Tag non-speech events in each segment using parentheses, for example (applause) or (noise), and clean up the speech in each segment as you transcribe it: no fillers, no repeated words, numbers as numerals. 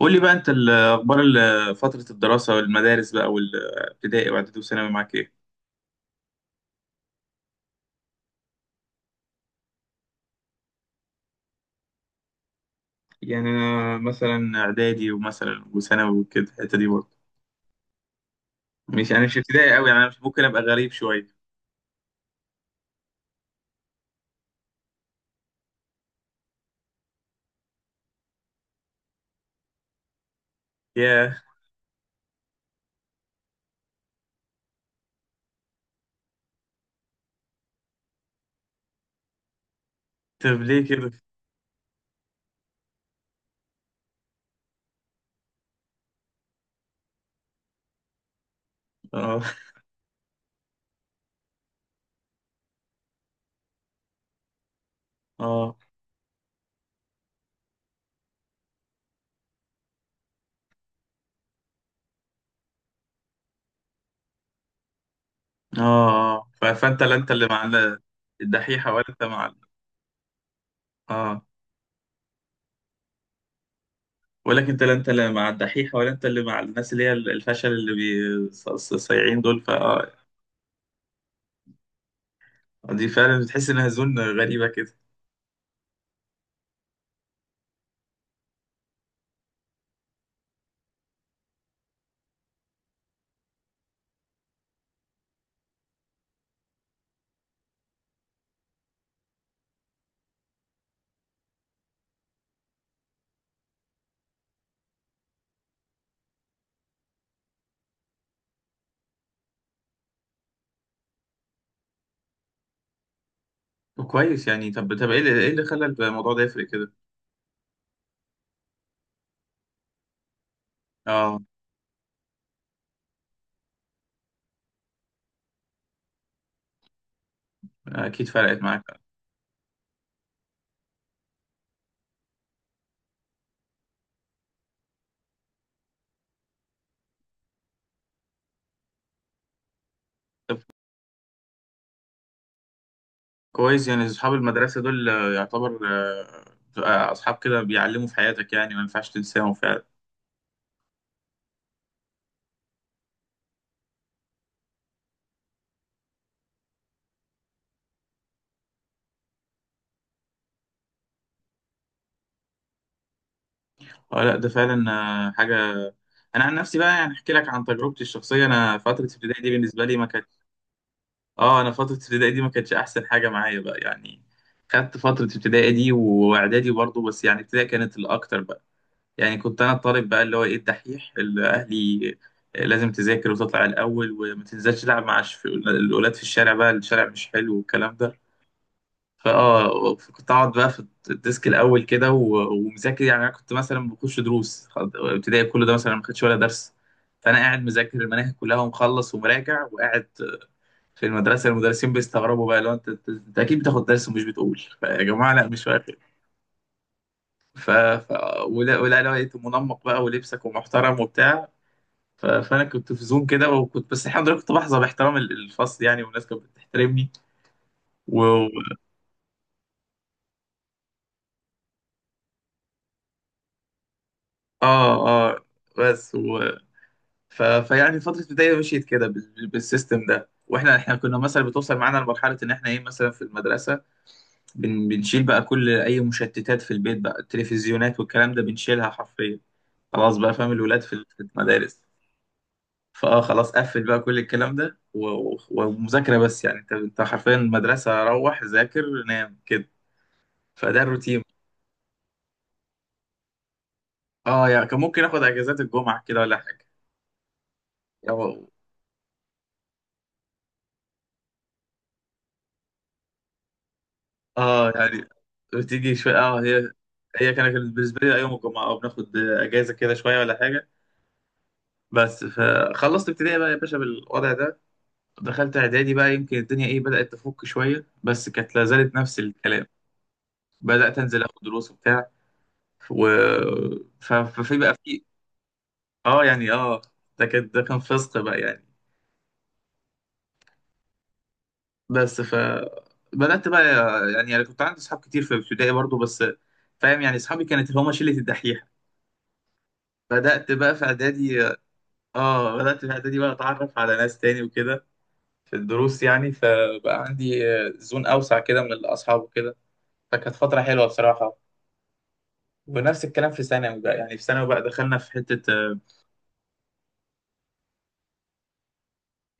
قول لي بقى انت اخبار فترة الدراسة والمدارس بقى، والابتدائي واعدادي وثانوي معاك ايه؟ يعني انا مثلا اعدادي ومثلا وثانوي وكده الحتة دي برضه. مش انا مش ابتدائي قوي، يعني انا مش ممكن ابقى غريب شوية. ياه. طب ليه كده؟ اه، اه، اه، اه. فانت لا انت اللي مع الدحيحة ولا انت مع اه، بقول لك انت لا انت اللي مع الدحيحة ولا انت اللي مع الناس اللي هي الفشل، اللي صايعين دول، فدي فعلا بتحس انها زون غريبة كده. كويس يعني. طب ايه اللي خلى الموضوع ده يفرق كده؟ اه، اكيد فرقت معاك. طب كويس، يعني اصحاب المدرسه دول يعتبر اصحاب كده بيعلموا في حياتك يعني، ما ينفعش تنساهم فعلا. اه لا ده فعلا حاجه. انا عن نفسي بقى يعني احكي لك عن تجربتي الشخصيه، انا فتره ابتدائي دي بالنسبه لي ما كانت، اه، انا فتره ابتدائي دي ما كانتش احسن حاجه معايا بقى يعني. خدت فتره ابتدائي دي واعدادي برضه، بس يعني ابتدائي كانت الاكتر بقى. يعني كنت انا الطالب بقى، اللي هو ايه، الدحيح، اللي اهلي لازم تذاكر وتطلع الاول وما تنزلش تلعب مع الاولاد في الشارع، بقى الشارع مش حلو والكلام ده. فاه، كنت اقعد بقى في الديسك الاول كده ومذاكر. يعني انا كنت مثلا بخش دروس، ابتدائي كله ده مثلا ما خدش ولا درس. فانا قاعد مذاكر المناهج كلها ومخلص ومراجع وقاعد. في المدرسه المدرسين بيستغربوا بقى، لو انت انت أنت اكيد بتاخد درس ومش بتقول، يا جماعه لا مش واخد. ف... ف... ولا لقيت منمق بقى ولبسك ومحترم وبتاع. فانا كنت في زوم كده، وكنت بس الحمد لله كنت بحظى باحترام الفصل يعني، والناس كانت بتحترمني. و و- اه، اه، بس فيعني فتره البدايه مشيت كده بالسيستم ده، واحنا كنا مثلا بتوصل معانا لمرحله ان احنا ايه، مثلا في المدرسه بنشيل بقى كل اي مشتتات في البيت بقى، التلفزيونات والكلام ده بنشيلها حرفيا. خلاص بقى، فاهم، الولاد في المدارس. فاه خلاص قفل بقى كل الكلام ده ومذاكره بس. يعني انت حرفيا، المدرسه روح ذاكر نام كده، فده الروتين. اه يعني كان ممكن اخد اجازات الجمعة كده ولا حاجة. أو اه، يعني بتيجي شوية، اه، هي، هي كانت بالنسبة لي يوم الجمعة، اه بناخد اجازة كده شوية ولا حاجة. بس فخلصت ابتدائي بقى يا باشا بالوضع ده. دخلت اعدادي بقى، يمكن الدنيا ايه، بدأت تفك شوية، بس كانت لا زالت نفس الكلام. بدأت انزل اخد دروس وبتاع، و ففي بقى في. اه يعني، اه، ده كان فسق بقى يعني. بس بدأت بقى، يعني انا كنت عندي اصحاب كتير في ابتدائي برضو، بس فاهم يعني اصحابي كانت اللي هما شلة الدحيحة. بدأت بقى في اعدادي، اه بدأت في اعدادي بقى اتعرف على ناس تاني وكده، في الدروس يعني، فبقى عندي زون اوسع كده من الاصحاب وكده. فكانت فترة حلوة بصراحة. ونفس الكلام في ثانوي بقى، يعني في ثانوي بقى دخلنا في حتة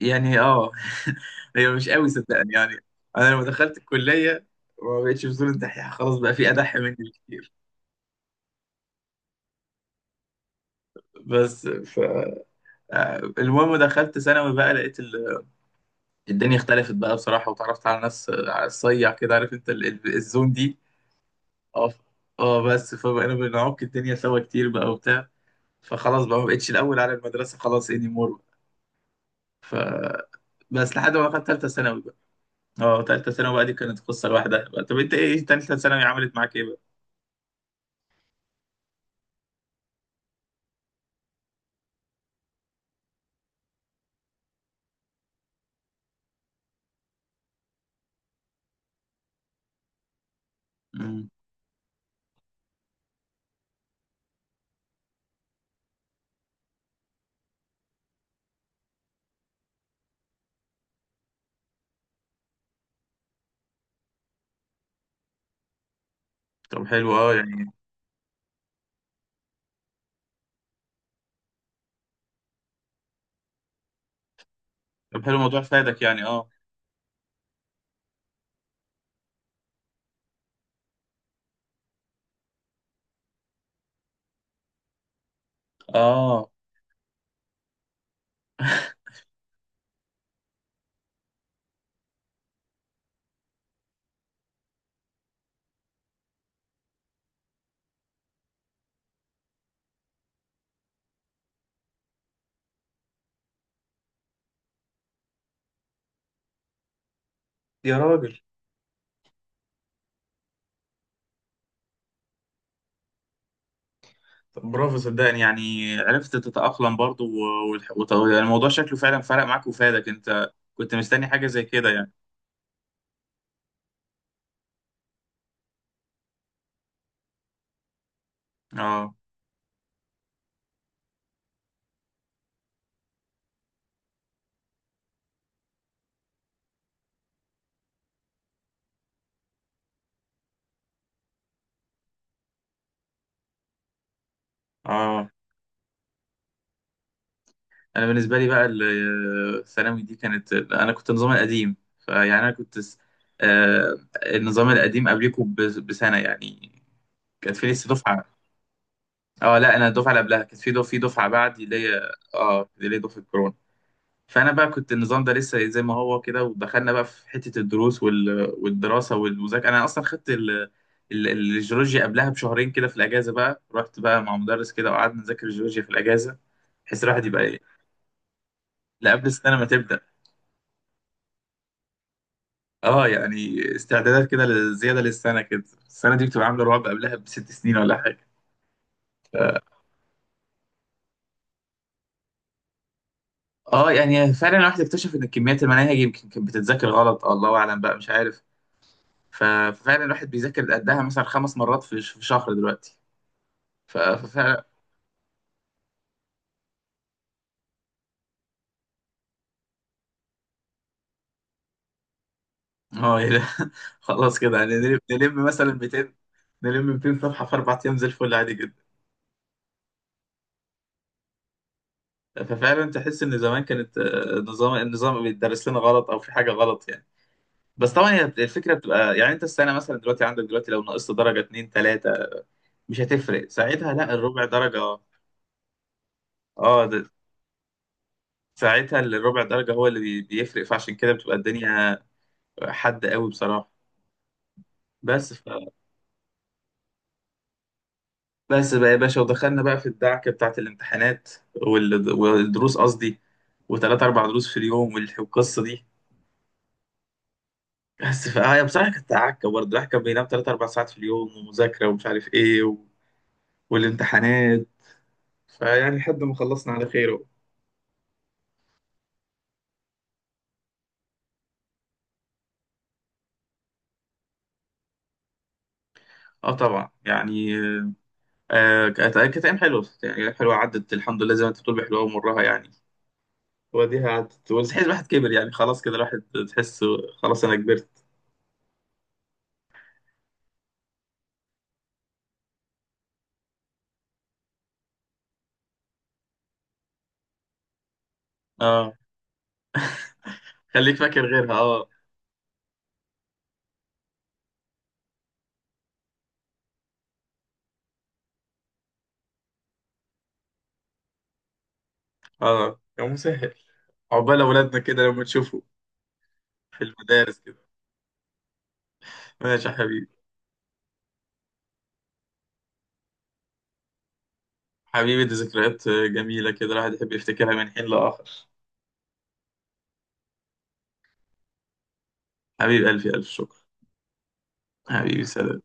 يعني اه. (laughs) هي مش قوي صدقني يعني. انا لما دخلت الكلية ما بقتش في زون الدحيحة، خلاص بقى في ادح مني بكتير. بس المهم دخلت ثانوي بقى، لقيت الدنيا اختلفت بقى بصراحة، وتعرفت على ناس على الصيع كده، عارف انت الزون دي. اه، اه، بس فبقينا بنعك الدنيا سوا كتير بقى وبتاع. فخلاص بقى ما بقتش الأول على المدرسة خلاص، اني مور. ف بس لحد ما دخلت تالتة ثانوي بقى. اه، تالتة ثانوي بقى دي كانت قصة لوحدها بقى. طب انت ايه، تالتة ثانوي عملت معاك ايه بقى؟ مم. طب حلو اه يعني. طب حلو، الموضوع فادك يعني، اه، اه. يا راجل. طب برافو، صدقني يعني عرفت تتأقلم برضو، يعني الموضوع شكله فعلا فرق معاك وفادك، انت كنت مستني حاجة زي كده يعني. اه، اه. انا بالنسبة لي بقى الثانوي دي كانت، انا كنت النظام القديم، فيعني انا كنت النظام القديم قبلكم بسنة يعني. كانت في لسه دفعة، اه لا، انا الدفعة اللي قبلها، كانت في دفعة بعدي اللي هي اه اللي هي دفعة كورونا. فانا بقى كنت النظام ده لسه زي ما هو كده، ودخلنا بقى في حته الدروس والدراسه والمذاكره. انا اصلا خدت الجيولوجيا قبلها بشهرين كده في الاجازه بقى، رحت بقى مع مدرس كده وقعدنا نذاكر الجيولوجيا في الاجازه، بحيث الواحد يبقى ايه. لا قبل السنه ما تبدا، اه يعني استعدادات كده زياده للسنه كده. السنه دي بتبقى عامله رعب قبلها ب6 سنين ولا حاجه. اه يعني فعلا الواحد اكتشف ان كميات المناهج يمكن كانت بتتذاكر غلط، الله اعلم بقى مش عارف. ففعلا الواحد بيذاكر قدها مثلا 5 مرات في شهر دلوقتي. ف ف- اه ايه ده. (laughs) خلاص كده يعني، نلم مثلا 200، نلم 200 صفحة في 4 أيام زي الفل عادي جدا. ففعلا تحس إن زمان كانت، نظام بيدرس لنا غلط، أو في حاجة غلط يعني. بس طبعا هي الفكرة بتبقى يعني، أنت السنة مثلا دلوقتي عندك دلوقتي، لو نقصت درجة اتنين تلاتة مش هتفرق ساعتها، لا الربع درجة. اه ده، ساعتها الربع درجة هو اللي بيفرق. فعشان كده بتبقى الدنيا حد قوي بصراحة. بس بس بقى يا باشا ودخلنا بقى في الدعكة بتاعة الامتحانات والدروس قصدي، وثلاث أربع دروس في اليوم والقصة دي. بس فهي بصراحة كانت عكة برضه، الواحد كان بينام تلات أربع ساعات في اليوم ومذاكرة ومش عارف إيه والامتحانات. فيعني لحد ما خلصنا على خير أهو. اه طبعا يعني. آه، كانت ايام حلوه يعني، ايام حلوه عدت الحمد لله، زي ما انت بتقول بحلوها ومرها يعني. وديها عدت، وتحس الواحد كبر يعني، خلاص كده الواحد تحس خلاص، انا كبرت. اه، خليك فاكر غيرها اه. اه يا مسهل. عقبال أولادنا كده لما تشوفوا في المدارس كده. ماشي يا حبيبي. حبيبي دي ذكريات جميلة كده الواحد يحب يفتكرها من حين لآخر. حبيب قلبي، ألف شكر. حبيبي سلام.